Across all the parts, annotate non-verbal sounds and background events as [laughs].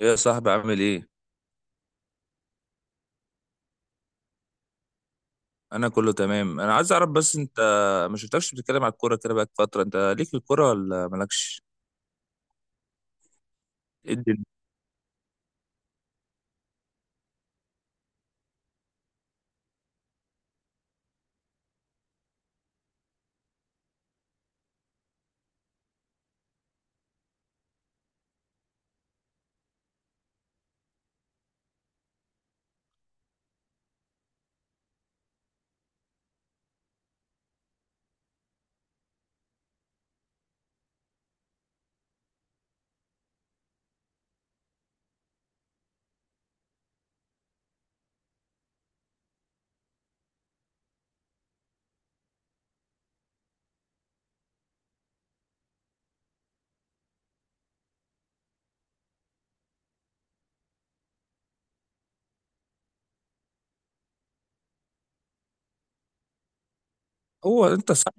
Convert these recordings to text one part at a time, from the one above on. ايه يا صاحبي، عامل ايه؟ انا كله تمام. انا عايز اعرف، بس انت ما شفتكش بتتكلم على الكوره كده بقى فتره. انت ليك في الكوره ولا مالكش؟ إيه الدنيا؟ هو انت صح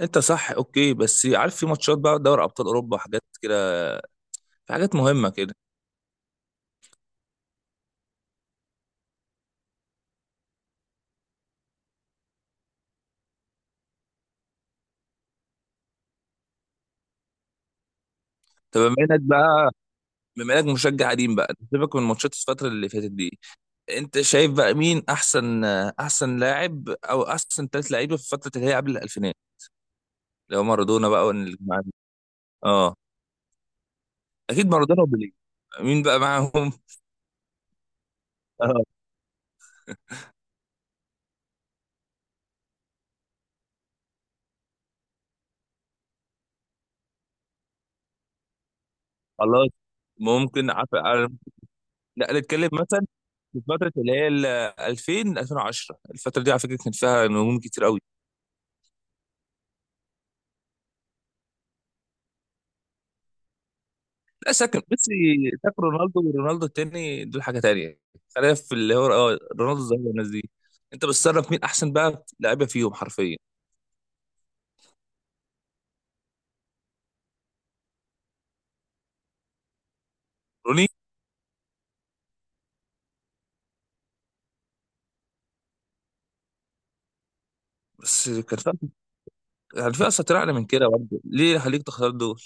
انت صح، اوكي، بس عارف في ماتشات بقى دوري ابطال اوروبا وحاجات كده، في حاجات مهمه كده. طب بما انك بقى بما انك مشجع قديم بقى، سيبك من ماتشات الفتره اللي فاتت دي. انت شايف بقى مين احسن، احسن لاعب او احسن ثلاث لعيبه في الفتره اللي هي قبل الالفينات؟ اللي هو مارادونا بقى والجماعه دي. اه، اكيد مارادونا وبيليه. مين بقى معاهم؟ [laughs] خلاص. ممكن عارف عارف- لا، نتكلم مثلا في فتره اللي هي ال 2000 2010. الفتره دي على فكره كان فيها نجوم كتير قوي. لا ساكن، بس ساكن، رونالدو ورونالدو التاني دول حاجه تانية. خلينا في اللي هو اه، رونالدو الظاهره والناس دي. انت بتصنف مين احسن بقى لعيبه فيهم حرفيا؟ روني. بس كان في كان في اصلا اعلى من كده برضه، ليه خليك تختار دول؟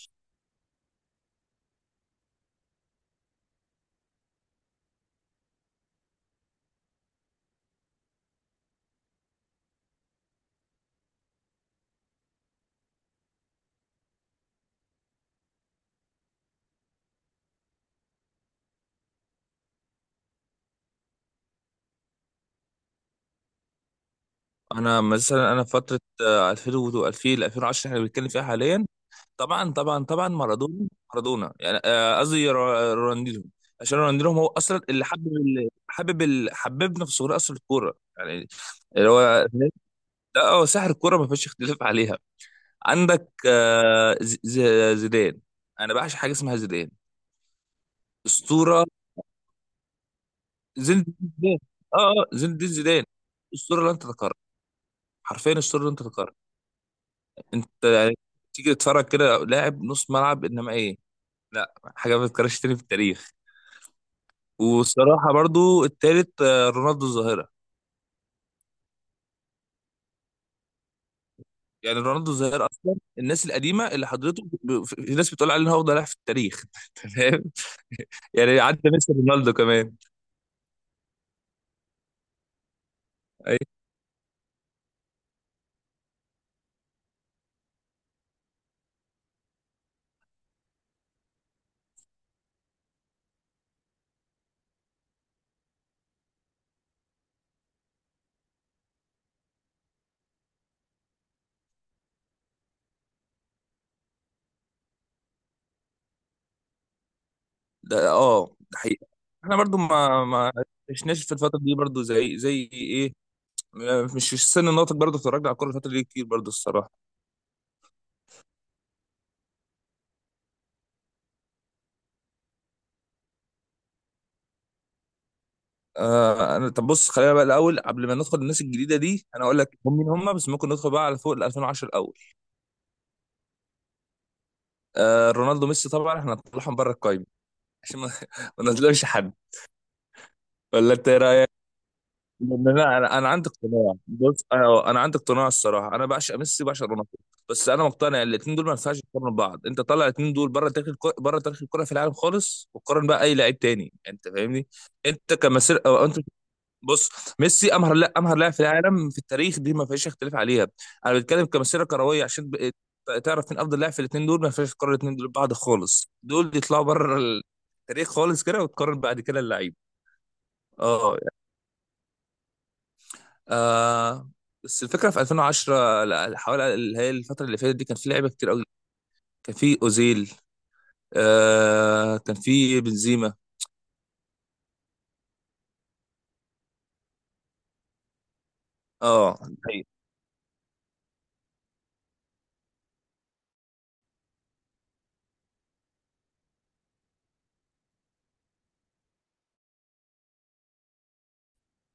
انا مثلا في فتره 2000 و 2000 2010 احنا بنتكلم فيها حاليا. طبعا طبعا طبعا، مارادونا، مارادونا يعني، قصدي رونالدينو. عشان رونالدينو هو اصلا اللي حببنا في صغري اصلا الكوره يعني. اللي هو، لا، هو سحر الكوره، ما فيش اختلاف عليها. عندك زيدان، انا بعشق حاجه اسمها زيدان. اسطوره. زين الدين زيدان. اه، زين الدين زيدان. اسطوره لن تتكرر. حرفيا اسطوره لن تتكرر. انت يعني تيجي تتفرج كده لاعب نص ملعب انما ايه. لا، حاجه ما تتكررش تاني في التاريخ. والصراحة برضو التالت رونالدو الظاهرة. يعني رونالدو الظاهرة أصلا الناس القديمة اللي حضرته في ناس بتقول عليه إن هو أفضل لاعب في التاريخ. [laughs] تمام. يعني عدى ميسي رونالدو كمان. أي، ده ده حقيقة. إحنا برضو ما ما عشناش في الفترة دي برضو زي زي إيه، مش في السن الناطق، برضو اتفرجنا على الكورة الفترة دي كتير برضو الصراحة. أنا، طب بص، خلينا بقى الأول قبل ما ندخل الناس الجديدة دي، أنا أقول لك هم مين هم، بس ممكن ندخل بقى على فوق ال 2010 الأول. رونالدو، ميسي، طبعا إحنا هنطلعهم بره القايمة عشان ما [laughs] ما نظلمش حد. ولا انت ايه رايك؟ لا، انا عندي اقتناع. بص، انا عندي اقتناع الصراحه، انا بعشق ميسي وبعشق رونالدو، بس انا مقتنع الاثنين دول ما ينفعش يقارنوا ببعض. انت طلع الاثنين دول بره تاريخ الكره، بره تاريخ الكره في العالم خالص، وقارن بقى اي لعيب تاني، يعني انت فاهمني؟ انت كمسير او انت، بص، ميسي امهر، لا، امهر لاعب في العالم في التاريخ دي ما فيش اختلاف عليها. انا بتكلم كمسيره كرويه عشان تعرف مين افضل لاعب في الاثنين دول. ما فيش تقارن الاثنين دول ببعض خالص. دول يطلعوا بره التاريخ خالص كده، وتقارن بعد كده اللعيب. اه، آه، بس الفكره في 2010، لا، حوالي اللي هي الفتره اللي فاتت دي كان في لعيبه كتير قوي. كان في اوزيل، آه، كان في بنزيما. اه، حقيقي.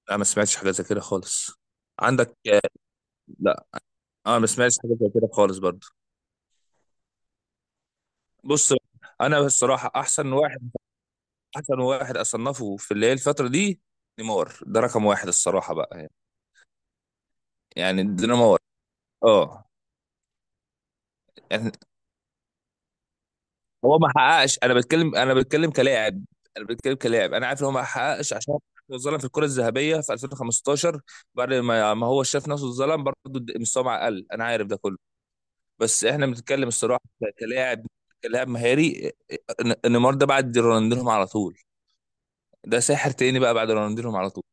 انا ما سمعتش حاجه زي كده خالص. عندك لا، انا ما سمعتش حاجه زي كده خالص برضو. بص، انا الصراحه احسن واحد، احسن واحد اصنفه في اللي هي الفتره دي نيمار. ده رقم واحد الصراحه بقى يعني. يعني دينامار. اه، يعني هو ما حققش. انا بتكلم كلاعب. انا بتكلم كلاعب، انا عارف ان هو ما حققش عشان هو اتظلم في الكره الذهبيه في 2015، بعد ما هو شاف نفسه اتظلم برضه مستواه مع اقل، انا عارف ده كله. بس احنا بنتكلم الصراحه كلاعب. كلاعب مهاري. نيمار ده بعد رونالدينهم على طول. ده ساحر تاني بقى بعد رونالدينهم على طول.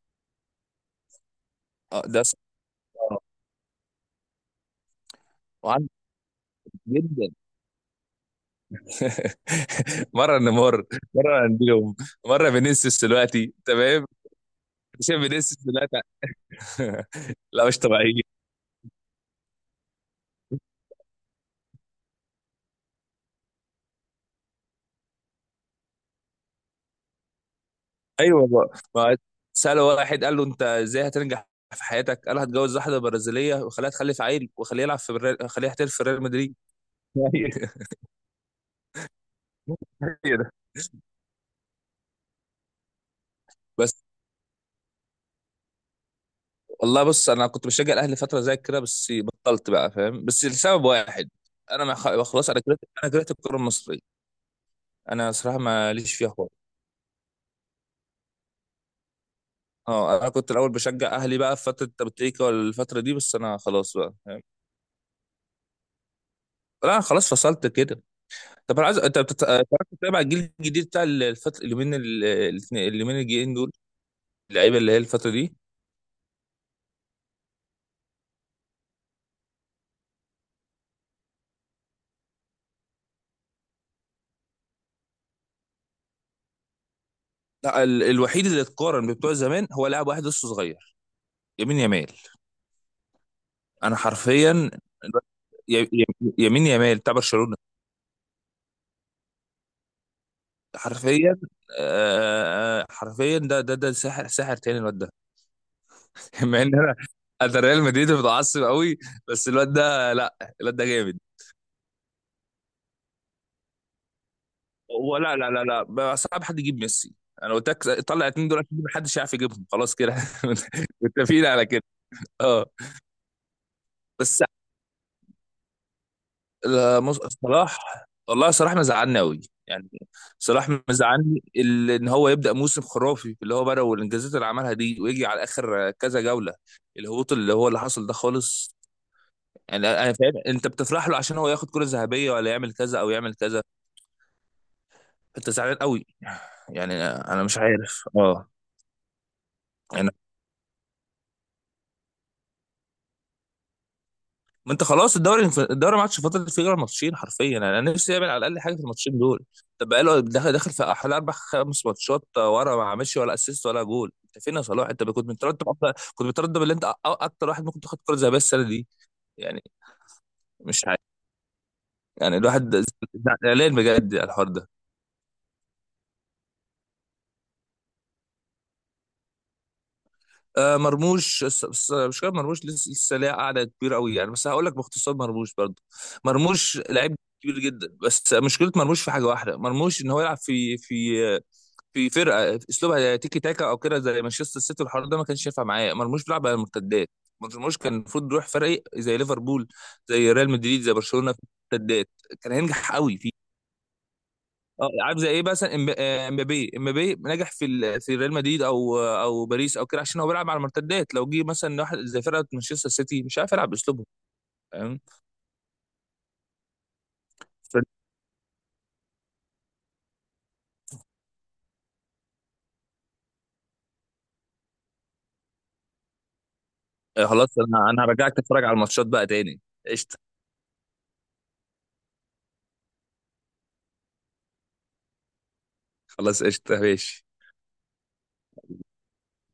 اه، آه، وعنده جدا. [laughs] مره نيمار، مره رونالدينهم، مره فينيسيوس دلوقتي، تمام. شايف فينيسيوس دلوقتي؟ [laughs] لا مش طبيعي. ايوه بقى، ما سأله واحد قال له انت ازاي هتنجح في حياتك؟ قال له هتجوز واحده برازيليه وخليها تخلف عيل وخليه يلعب في خليه يحترف في ريال مدريد. [laughs] هي ده. بس، والله بص، انا كنت بشجع الاهلي فتره زي كده بس بطلت بقى فاهم، بس لسبب واحد. انا ما خ- خلاص، انا كرهت الكوره المصريه. انا صراحه ما ليش فيها خالص. اه انا كنت الاول بشجع اهلي بقى في فتره تبتيكا والفتره دي، بس انا خلاص بقى فاهم. لا أنا خلاص فصلت كده. طب انا عايز، انت بتعرف تتابع الجيل الجديد بتاع الفتره اليومين الجايين دول، اللعيبه اللي هي الفتره دي؟ لا الوحيد اللي اتقارن ببتوع زمان هو لاعب واحد لسه صغير، يمين يمال. انا حرفيا ي- ي- يمين يمال بتاع برشلونه. حرفيا حرفيا ده ده ساحر، ساحر تاني الواد ده. [laughs] مع ان انا، انا ريال مدريد متعصب قوي، بس الواد ده، لا، الواد ده جامد. ولا لا لا لا، بقى صعب حد يجيب ميسي، انا قلت لك طلع اتنين دول عشان محدش يعرف يجيبهم خلاص كده. [laughs] متفقين على كده. اه، بس، لا، صلاح. والله صلاح مزعلني قوي. يعني صلاح مزعلني ان هو يبدا موسم خرافي اللي هو بدا والانجازات اللي عملها دي ويجي على اخر كذا جوله الهبوط اللي هو اللي حصل ده خالص. يعني انا، أنا فاهم انت بتفرح له عشان هو ياخد كره ذهبيه ولا يعمل كذا او يعمل كذا، انت زعلان قوي. يعني انا مش عارف، اه. ما انت خلاص، الدوري، الدوري ما عادش فاضل فيه غير ماتشين حرفيا، يعني انا نفسي يعمل على الاقل حاجه في الماتشين دول. طب بقاله داخل في حوالي اربع خمس ماتشات ورا ما عملش ولا اسيست ولا جول. انت فين يا صلاح؟ انت كنت مترتب اكتر، كنت مترتب اللي انت اكتر واحد ممكن تاخد كره ذهبيه السنه دي. يعني مش عارف. يعني الواحد زعلان بجد على الحوار ده. آه مرموش، مش كده. مرموش لسه ليها قاعده كبيره قوي يعني، بس هقول لك باختصار مرموش برضه، مرموش لعيب كبير جدا، بس مشكله مرموش في حاجه واحده، مرموش ان هو يلعب في في فرقه اسلوبها تيكي تاكا او كده زي مانشستر سيتي والحوار ده ما كانش ينفع معايا. مرموش بيلعب على المرتدات. مرموش كان المفروض يروح فريق زي ليفربول، زي ريال مدريد، زي برشلونه في المرتدات. كان هينجح قوي فيه. اه عارف زي ايه مثلا امبابي. امبابي نجح في في ريال مدريد او باريس او كده عشان هو بيلعب على المرتدات. لو جه مثلا واحد زي فرقه مانشستر سيتي مش عارف يلعب باسلوبهم، فاهم؟ ف- خلاص، انا هرجعك تتفرج على الماتشات بقى تاني. قشطه. خلاص، قشطه، ماشي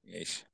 ماشي.